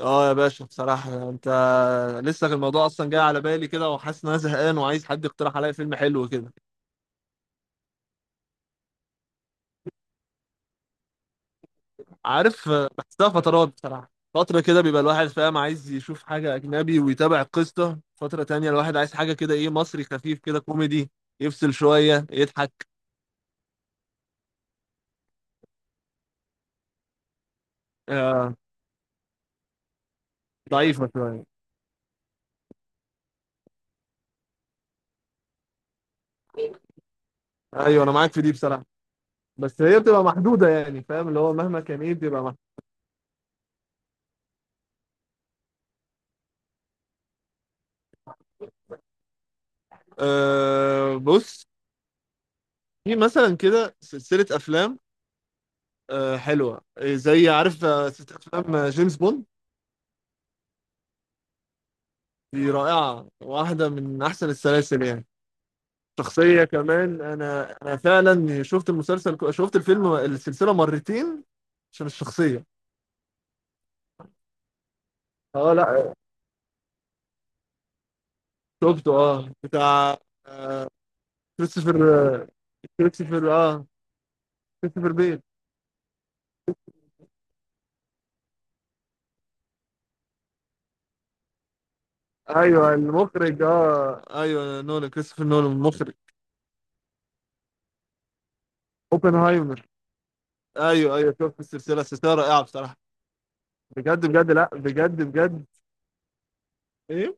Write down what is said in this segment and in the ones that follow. اه يا باشا، بصراحة انت لسه الموضوع اصلا جاي على بالي كده، وحاسس ان انا زهقان وعايز حد يقترح عليا فيلم حلو كده. عارف، بحسها فترات. بصراحة فترة كده بيبقى الواحد فاهم عايز يشوف حاجة أجنبي ويتابع قصة، فترة تانية الواحد عايز حاجة كده إيه، مصري خفيف كده كوميدي يفصل شوية يضحك. آه، ضعيفة شوية. أيوة أنا معاك في دي بصراحة، بس هي بتبقى محدودة يعني، فاهم اللي هو مهما كان إيه بتبقى محدودة. آه، بص، في مثلا كده سلسلة أفلام حلوة، زي عارف، ست أفلام، جيمس بوند. دي رائعة، واحدة من أحسن السلاسل يعني. شخصية كمان، أنا فعلا شفت المسلسل شفت الفيلم، السلسلة مرتين عشان الشخصية. اه لا، شفته، بتاع كريستوفر آه، كريستوفر اه كريستوفر بيل. ايوه المخرج، ايوه نولان، كريستوفر نولان المخرج. اوبنهايمر، ايوه ايوه شفت السلسلة، السلسلة رائعة بصراحة. بجد بجد، لا بجد بجد. ايه؟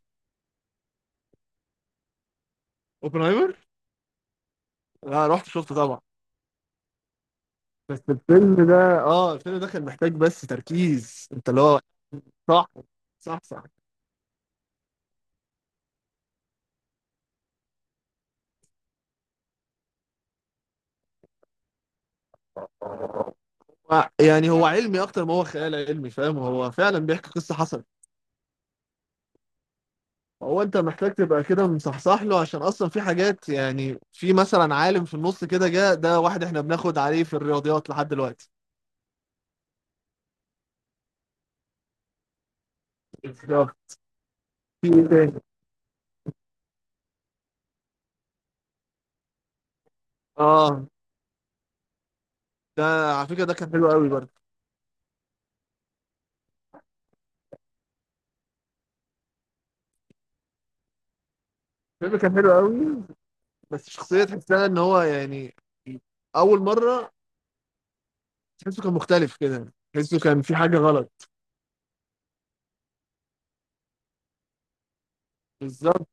اوبنهايمر. لا رحت شفته طبعا. بس الفيلم ده، الفيلم ده كان محتاج بس تركيز، انت اللي هو صح. صح صح. يعني هو علمي اكتر ما هو خيال علمي، فاهم، هو فعلا بيحكي قصة حصلت. هو انت محتاج تبقى كده مصحصح له، عشان اصلا في حاجات، يعني في مثلا عالم في النص كده جه ده، واحد احنا بناخد عليه في الرياضيات لحد دلوقتي. بالظبط. في ايه تاني؟ اه، ده على فكرة ده كان حلو قوي برضه. الفيلم كان حلو قوي، بس شخصية تحسها ان هو يعني، اول مرة تحسه كان مختلف كده، تحسه كان في حاجة غلط. بالظبط.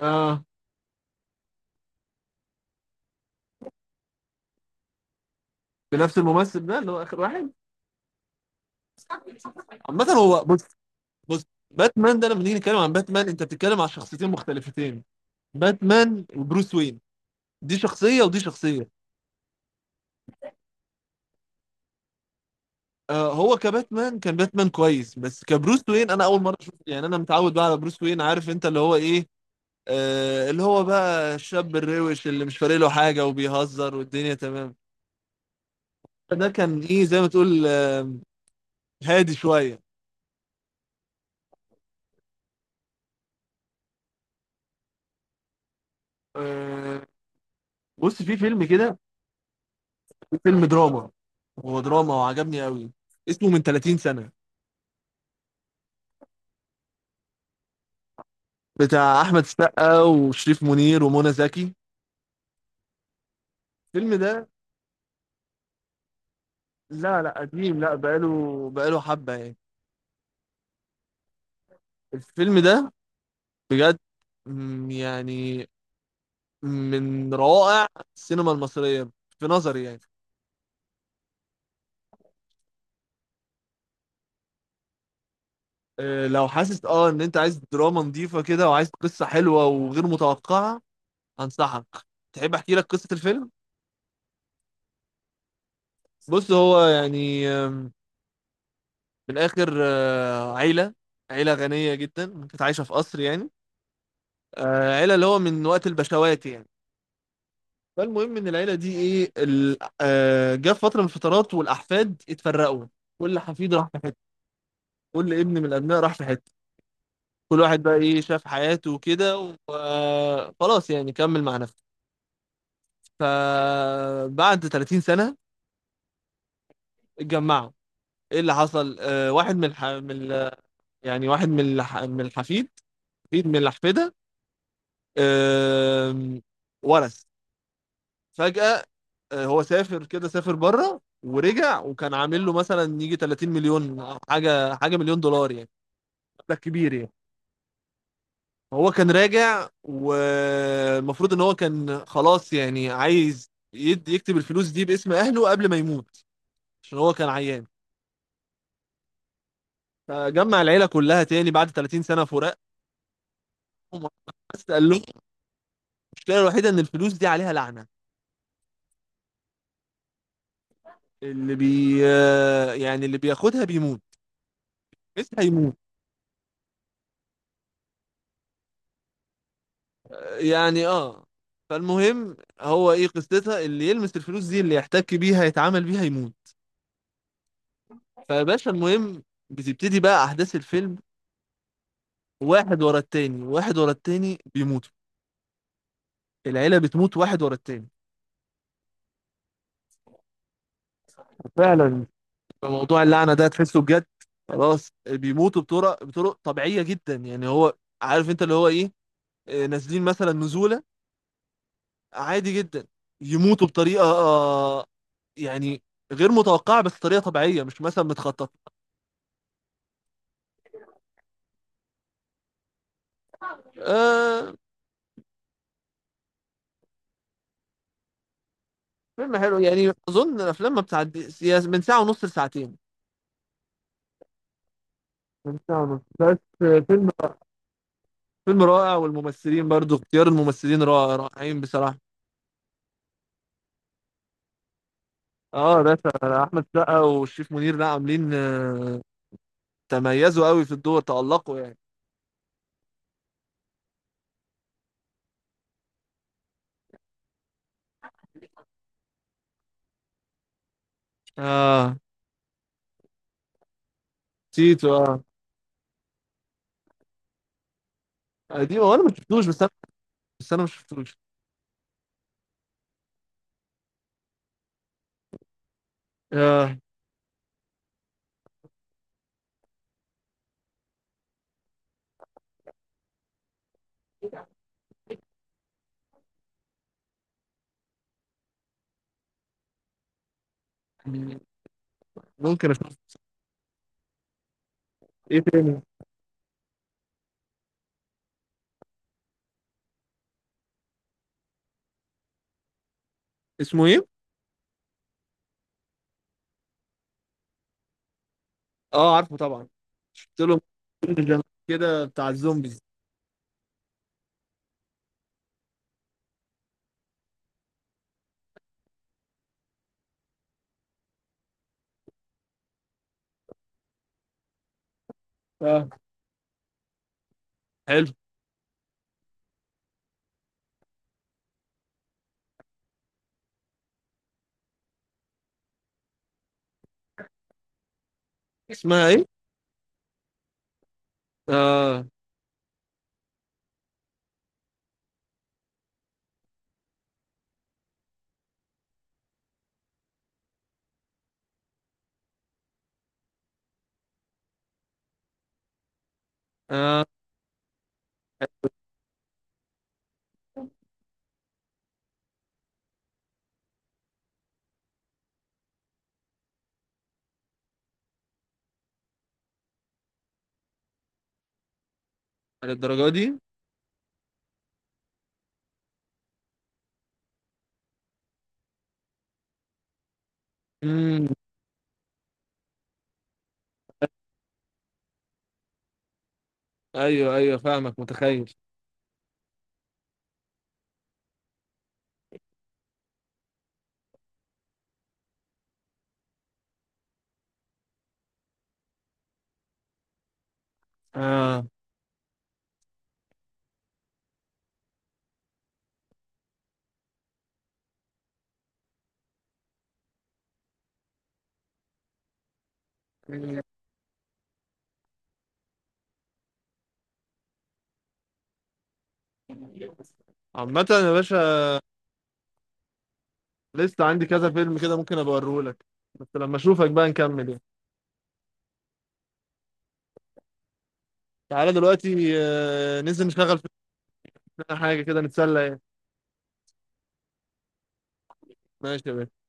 اه، بنفس الممثل ده اللي هو آخر واحد. عامة هو بص، بص، باتمان ده لما نيجي نتكلم عن باتمان، أنت بتتكلم عن شخصيتين مختلفتين، باتمان وبروس وين. دي شخصية ودي شخصية. آه، هو كباتمان كان باتمان كويس، بس كبروس وين أنا أول مرة أشوف. يعني أنا متعود بقى على بروس وين، عارف أنت اللي هو إيه، آه، اللي هو بقى الشاب الروش اللي مش فارق له حاجة وبيهزر والدنيا تمام. ده كان إيه زي ما تقول، آه، هادي شوية. آه، بص، في فيلم دراما، هو دراما وعجبني قوي، اسمه من 30 سنة، بتاع أحمد السقا وشريف منير ومنى زكي. الفيلم ده لا لا قديم لا، بقاله حبة يعني. الفيلم ده بجد، يعني من روائع السينما المصرية في نظري يعني. لو حاسس ان انت عايز دراما نظيفة كده وعايز قصة حلوة وغير متوقعة، انصحك. تحب احكي لك قصة الفيلم؟ بص، هو يعني من الاخر، عيله غنيه جدا كانت عايشه في قصر يعني، عيله اللي هو من وقت البشوات يعني. فالمهم ان العيله دي ايه جه في فتره من الفترات، والاحفاد اتفرقوا، كل حفيد راح في حتة، كل ابن من الابناء راح في حته، كل واحد بقى ايه شاف حياته وكده، وخلاص يعني كمل مع نفسه. فبعد 30 سنه اتجمعوا، ايه اللي حصل، واحد من الحفيد، حفيد من الاحفده، آم، ورث فجأة. هو سافر كده، سافر بره ورجع وكان عامل له مثلا يجي 30 مليون أو حاجه، مليون دولار يعني، مبلغ كبير يعني. هو كان راجع والمفروض ان هو كان خلاص يعني عايز يد يكتب الفلوس دي باسم اهله قبل ما يموت، عشان هو كان عيان. فجمع العيله كلها تاني بعد 30 سنه فراق، بس قال لهم المشكله الوحيده ان الفلوس دي عليها لعنه، اللي بياخدها بيموت، بس هيموت يعني. اه، فالمهم هو ايه قصتها، اللي يلمس الفلوس دي، اللي يحتك بيها، يتعامل بيها يموت. فيا باشا المهم، بتبتدي بقى احداث الفيلم، واحد ورا التاني واحد ورا التاني بيموتوا، العيلة بتموت واحد ورا التاني. فعلا موضوع اللعنة ده تحسه بجد. خلاص بيموتوا بطرق، طبيعية جدا، يعني هو عارف انت اللي هو ايه، آه، نازلين مثلا نزولة عادي جدا، يموتوا بطريقة، يعني غير متوقعة، بس طريقة طبيعية مش مثلا متخططة. آه، فيلم حلو يعني، اظن الافلام ما بتعديش من ساعه ونص لساعتين، من ساعه ونص بس. فيلم، فيلم رائع، والممثلين برضو، اختيار الممثلين رائع، رائعين بصراحه. اه ده احمد سقا والشريف منير، لا عاملين، تميزوا قوي في الدور، تألقوا يعني. اه تيتو، اه قديم، هو انا ما شفتوش، بس انا ما شفتوش. اه ممكن اشوف. ايه تاني؟ اسمه ايه؟ اه عارفه طبعا. شفت له فيلم كده بتاع الزومبيز. اه، حلو. اسمها ايه؟ اه. اه للدرجة دي؟ امم ايوه ايوه فاهمك، متخيل. اه. عامة يا باشا، لسه عندي كذا فيلم كده ممكن ابقى اوريهولك، بس لما اشوفك بقى نكمل يعني. تعالى دلوقتي، ننزل نشتغل في حاجة كده نتسلى يعني. ماشي يا باشا.